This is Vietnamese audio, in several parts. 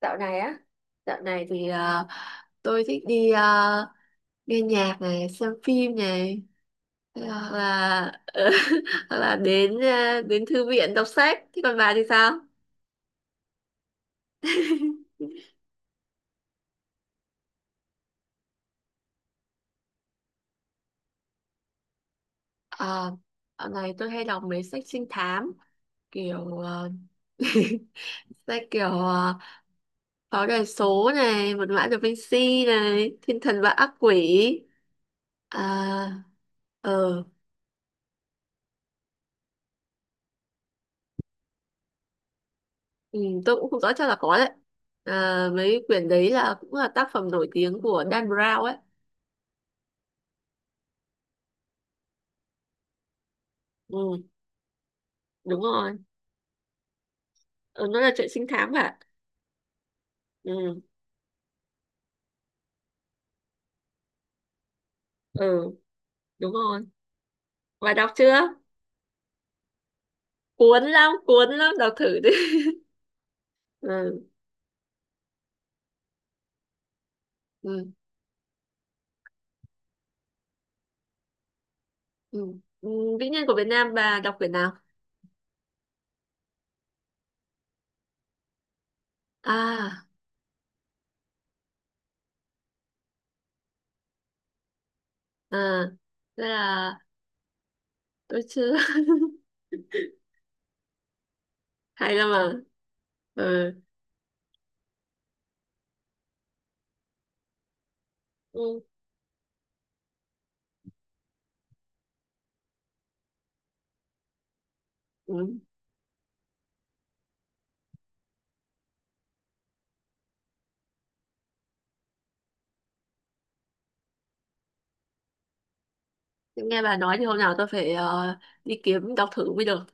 Dạo này á, Dạo này thì tôi thích đi nghe nhạc này, xem phim này, hoặc là hoặc là đến đến thư viện đọc sách. Thế còn bà thì sao? Ờ, dạo này tôi hay đọc mấy sách trinh thám kiểu sách kiểu Pháo đài số này, Mật mã Da Vinci này, Thiên thần và ác quỷ. À. ờ Ừ, tôi cũng không rõ, chắc là có đấy. À, mấy quyển đấy là cũng là tác phẩm nổi tiếng của Dan Brown ấy. Ừ, đúng rồi. Ừ, nó là chuyện trinh thám cả. Ừ, ừ, đúng rồi. Bà đọc chưa? Cuốn lắm, đọc thử đi. Ừ, ừ, ừ. Ừ, vĩ nhân của Việt Nam bà đọc quyển nào? À, à, thế là tôi chưa. Hay lắm mà. Ừ. Ừ. Ừ. Nghe bà nói thì hôm nào tôi phải đi kiếm đọc thử mới được.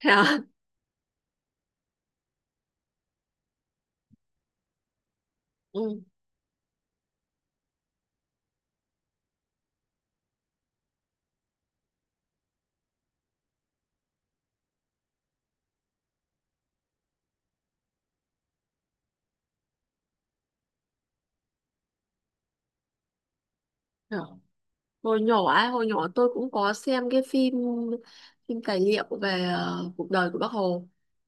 Thế à? Ừ. Hồi nhỏ ấy, hồi nhỏ tôi cũng có xem cái phim phim tài liệu về cuộc đời của Bác Hồ.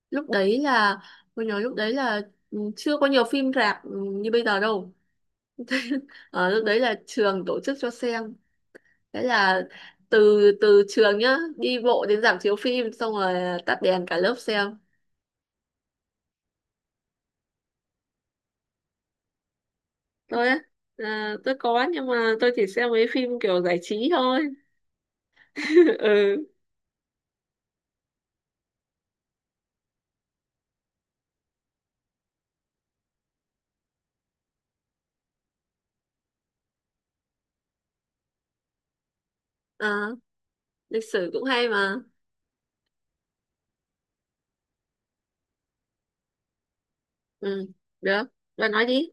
Lúc đấy là hồi nhỏ, lúc đấy là chưa có nhiều phim rạp như bây giờ đâu. Ờ, lúc đấy là trường tổ chức cho xem. Thế là từ từ trường nhá, đi bộ đến rạp chiếu phim xong rồi tắt đèn cả lớp xem. Tôi á? À, tôi có nhưng mà tôi chỉ xem mấy phim kiểu giải trí thôi. Ừ, à, lịch sử cũng hay mà. Ừ, được. Bạn nói đi.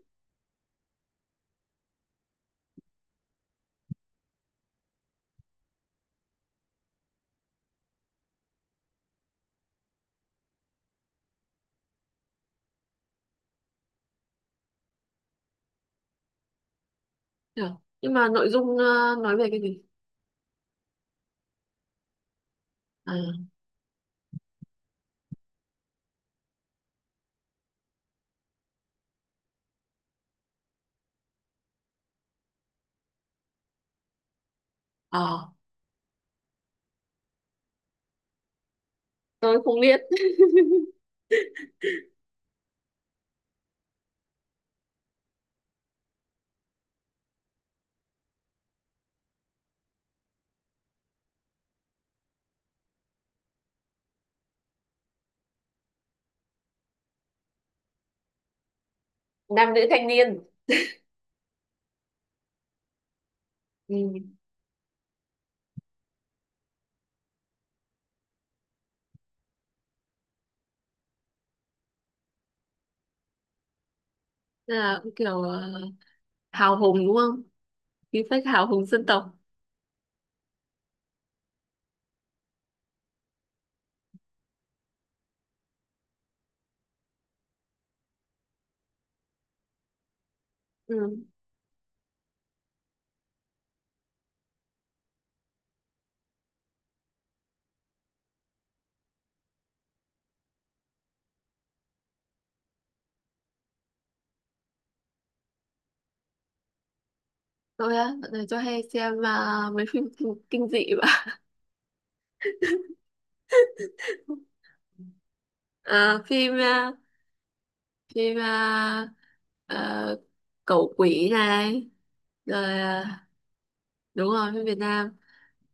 Được. Nhưng mà nội dung nói về cái gì? À, ờ, tôi không biết. Nam nữ thanh niên. Ừ. Nên là cũng kiểu hào hùng đúng không? Khí phách hào hùng dân tộc. Ừ. Tôi á? Dạo này tôi hay xem mấy phim kinh dị và à, phim ờ, phim ờ, ờ, cẩu quỷ này. Rồi đúng rồi, phim Việt Nam.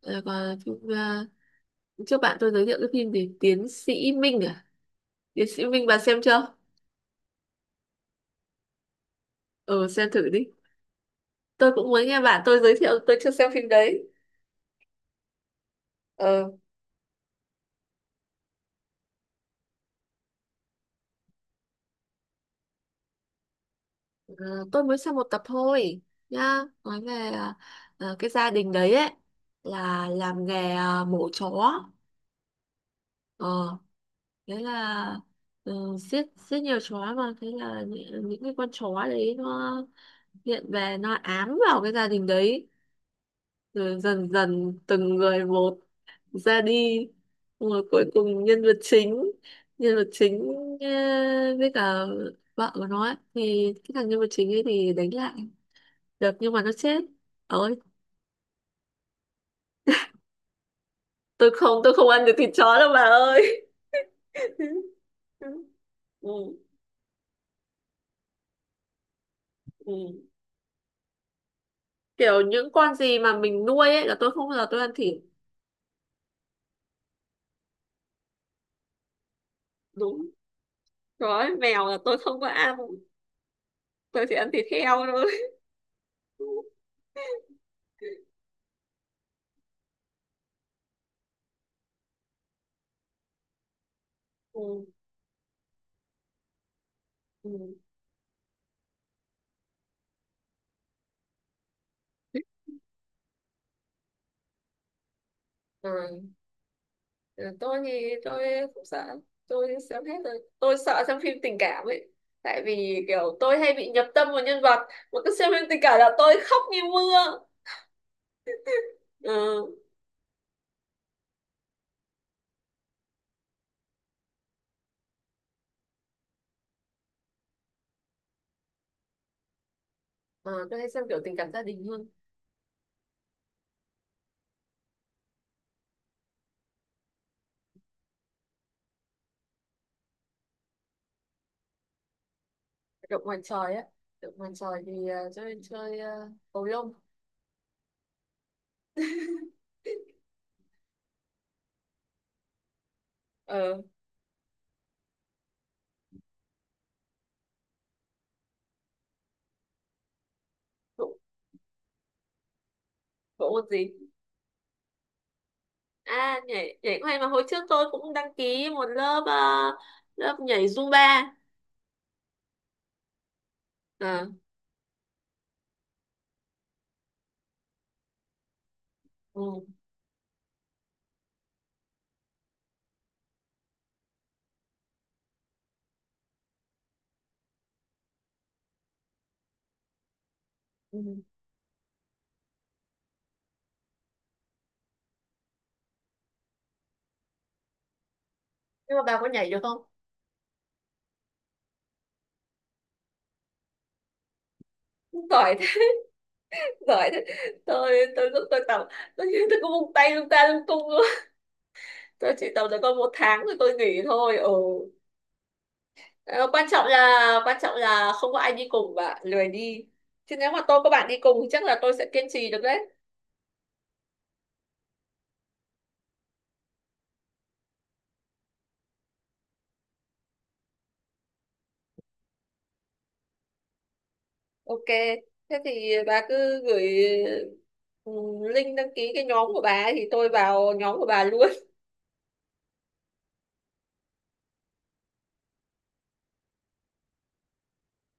Rồi còn phim ờ, trước bạn tôi giới thiệu cái phim gì? Tiến sĩ Minh à? Tiến sĩ Minh bà xem chưa? Ừ, xem thử đi. Tôi cũng mới nghe bạn tôi giới thiệu, tôi chưa xem phim đấy. Ờ, à, tôi mới xem một tập thôi nhá. Nói về à, à, cái gia đình đấy ấy là làm nghề à, mổ chó. Ờ, thế là giết giết nhiều chó, mà thế là những cái con chó đấy nó hiện về nó ám vào cái gia đình đấy, rồi dần dần từng người một ra đi, rồi cuối cùng nhân vật chính ờ, với cả vợ của nó ấy, thì cái thằng nhân vật chính ấy thì đánh lại được nhưng mà nó chết. Ôi. Tôi không ăn được thịt chó đâu bà ơi. Ừ, ừ. Kiểu những con gì mà mình nuôi ấy là tôi không bao giờ tôi ăn thịt. Đúng rồi, mèo là tôi không có ăn, tôi chỉ ăn thịt heo thôi. Ừ, ừ. Ừ. Ừ, tôi thì tôi không sợ, tôi xem hết rồi, tôi sợ xem phim tình cảm ấy, tại vì kiểu tôi hay bị nhập tâm vào nhân vật, mà cứ xem phim tình cảm là tôi khóc như mưa. Ừ. Ờ, tôi hay xem kiểu tình cảm gia đình hơn. Động ngoài trời á? Động ngoài trời thì chơi chơi ờ, cầu lông. ờ bộ, bộ môn gì? À, nhảy nhảy cũng hay mà, hồi trước tôi cũng đăng ký một lớp, lớp nhảy Zumba. Ờ. Ừ. Ừ. Nhưng mà bà có nhảy được không? Giỏi. Giỏi thế. tôi tôi tập, tôi cũng vung tay lung ta lung tung luôn. Tôi chỉ tập được có một tháng rồi tôi nghỉ thôi. Ừ. Ờ, quan trọng là không có ai đi cùng và lười đi, chứ nếu mà tôi có bạn đi cùng thì chắc là tôi sẽ kiên trì được đấy. Ok. Thế thì bà cứ gửi ừ, link đăng ký cái nhóm của bà ấy thì tôi vào nhóm của bà luôn.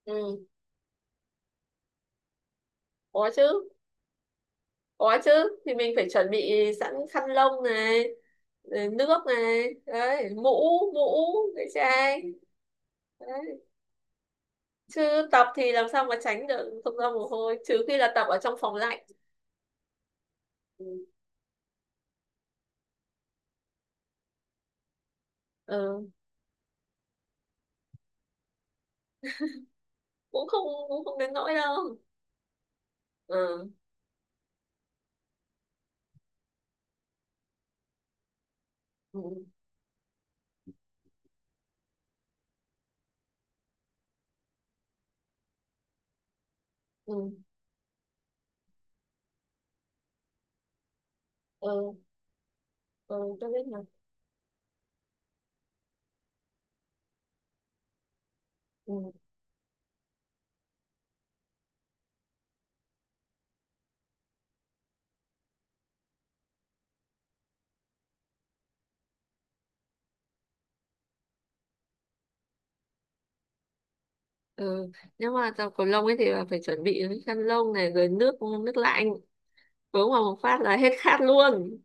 Ừ. Có chứ, có chứ, thì mình phải chuẩn bị sẵn khăn lông này, rồi nước này đấy, mũ mũ, cái chai đấy. Chứ tập thì làm sao mà tránh được không ra mồ hôi, trừ khi là tập ở trong phòng lạnh. Ừ. Ừ. Cũng không đến nỗi đâu. Ừ. Ừ. Ừ. Ừ. Ừ. Tôi biết mà. Ừ. Ừ. Nếu mà tập cầu lông ấy thì là phải chuẩn bị cái khăn lông này, rồi nước nước lạnh uống vào một phát là hết khát luôn.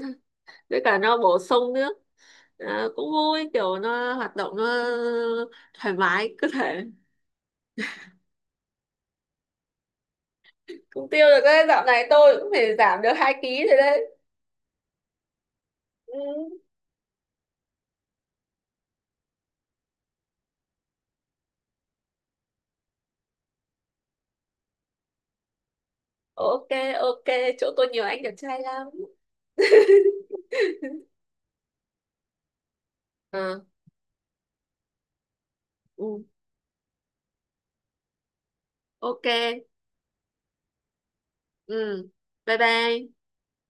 Với cả nó bổ sung nước. Ờ, cũng vui, kiểu nó hoạt động nó thoải mái cơ thể. Cũng tiêu được đấy, dạo này tôi cũng phải giảm được 2 ký rồi đấy. Ừ. Ok, ok, chỗ tôi nhiều anh đẹp trai lắm. Ờ. Ừ. Ok. Ừ. Bye bye.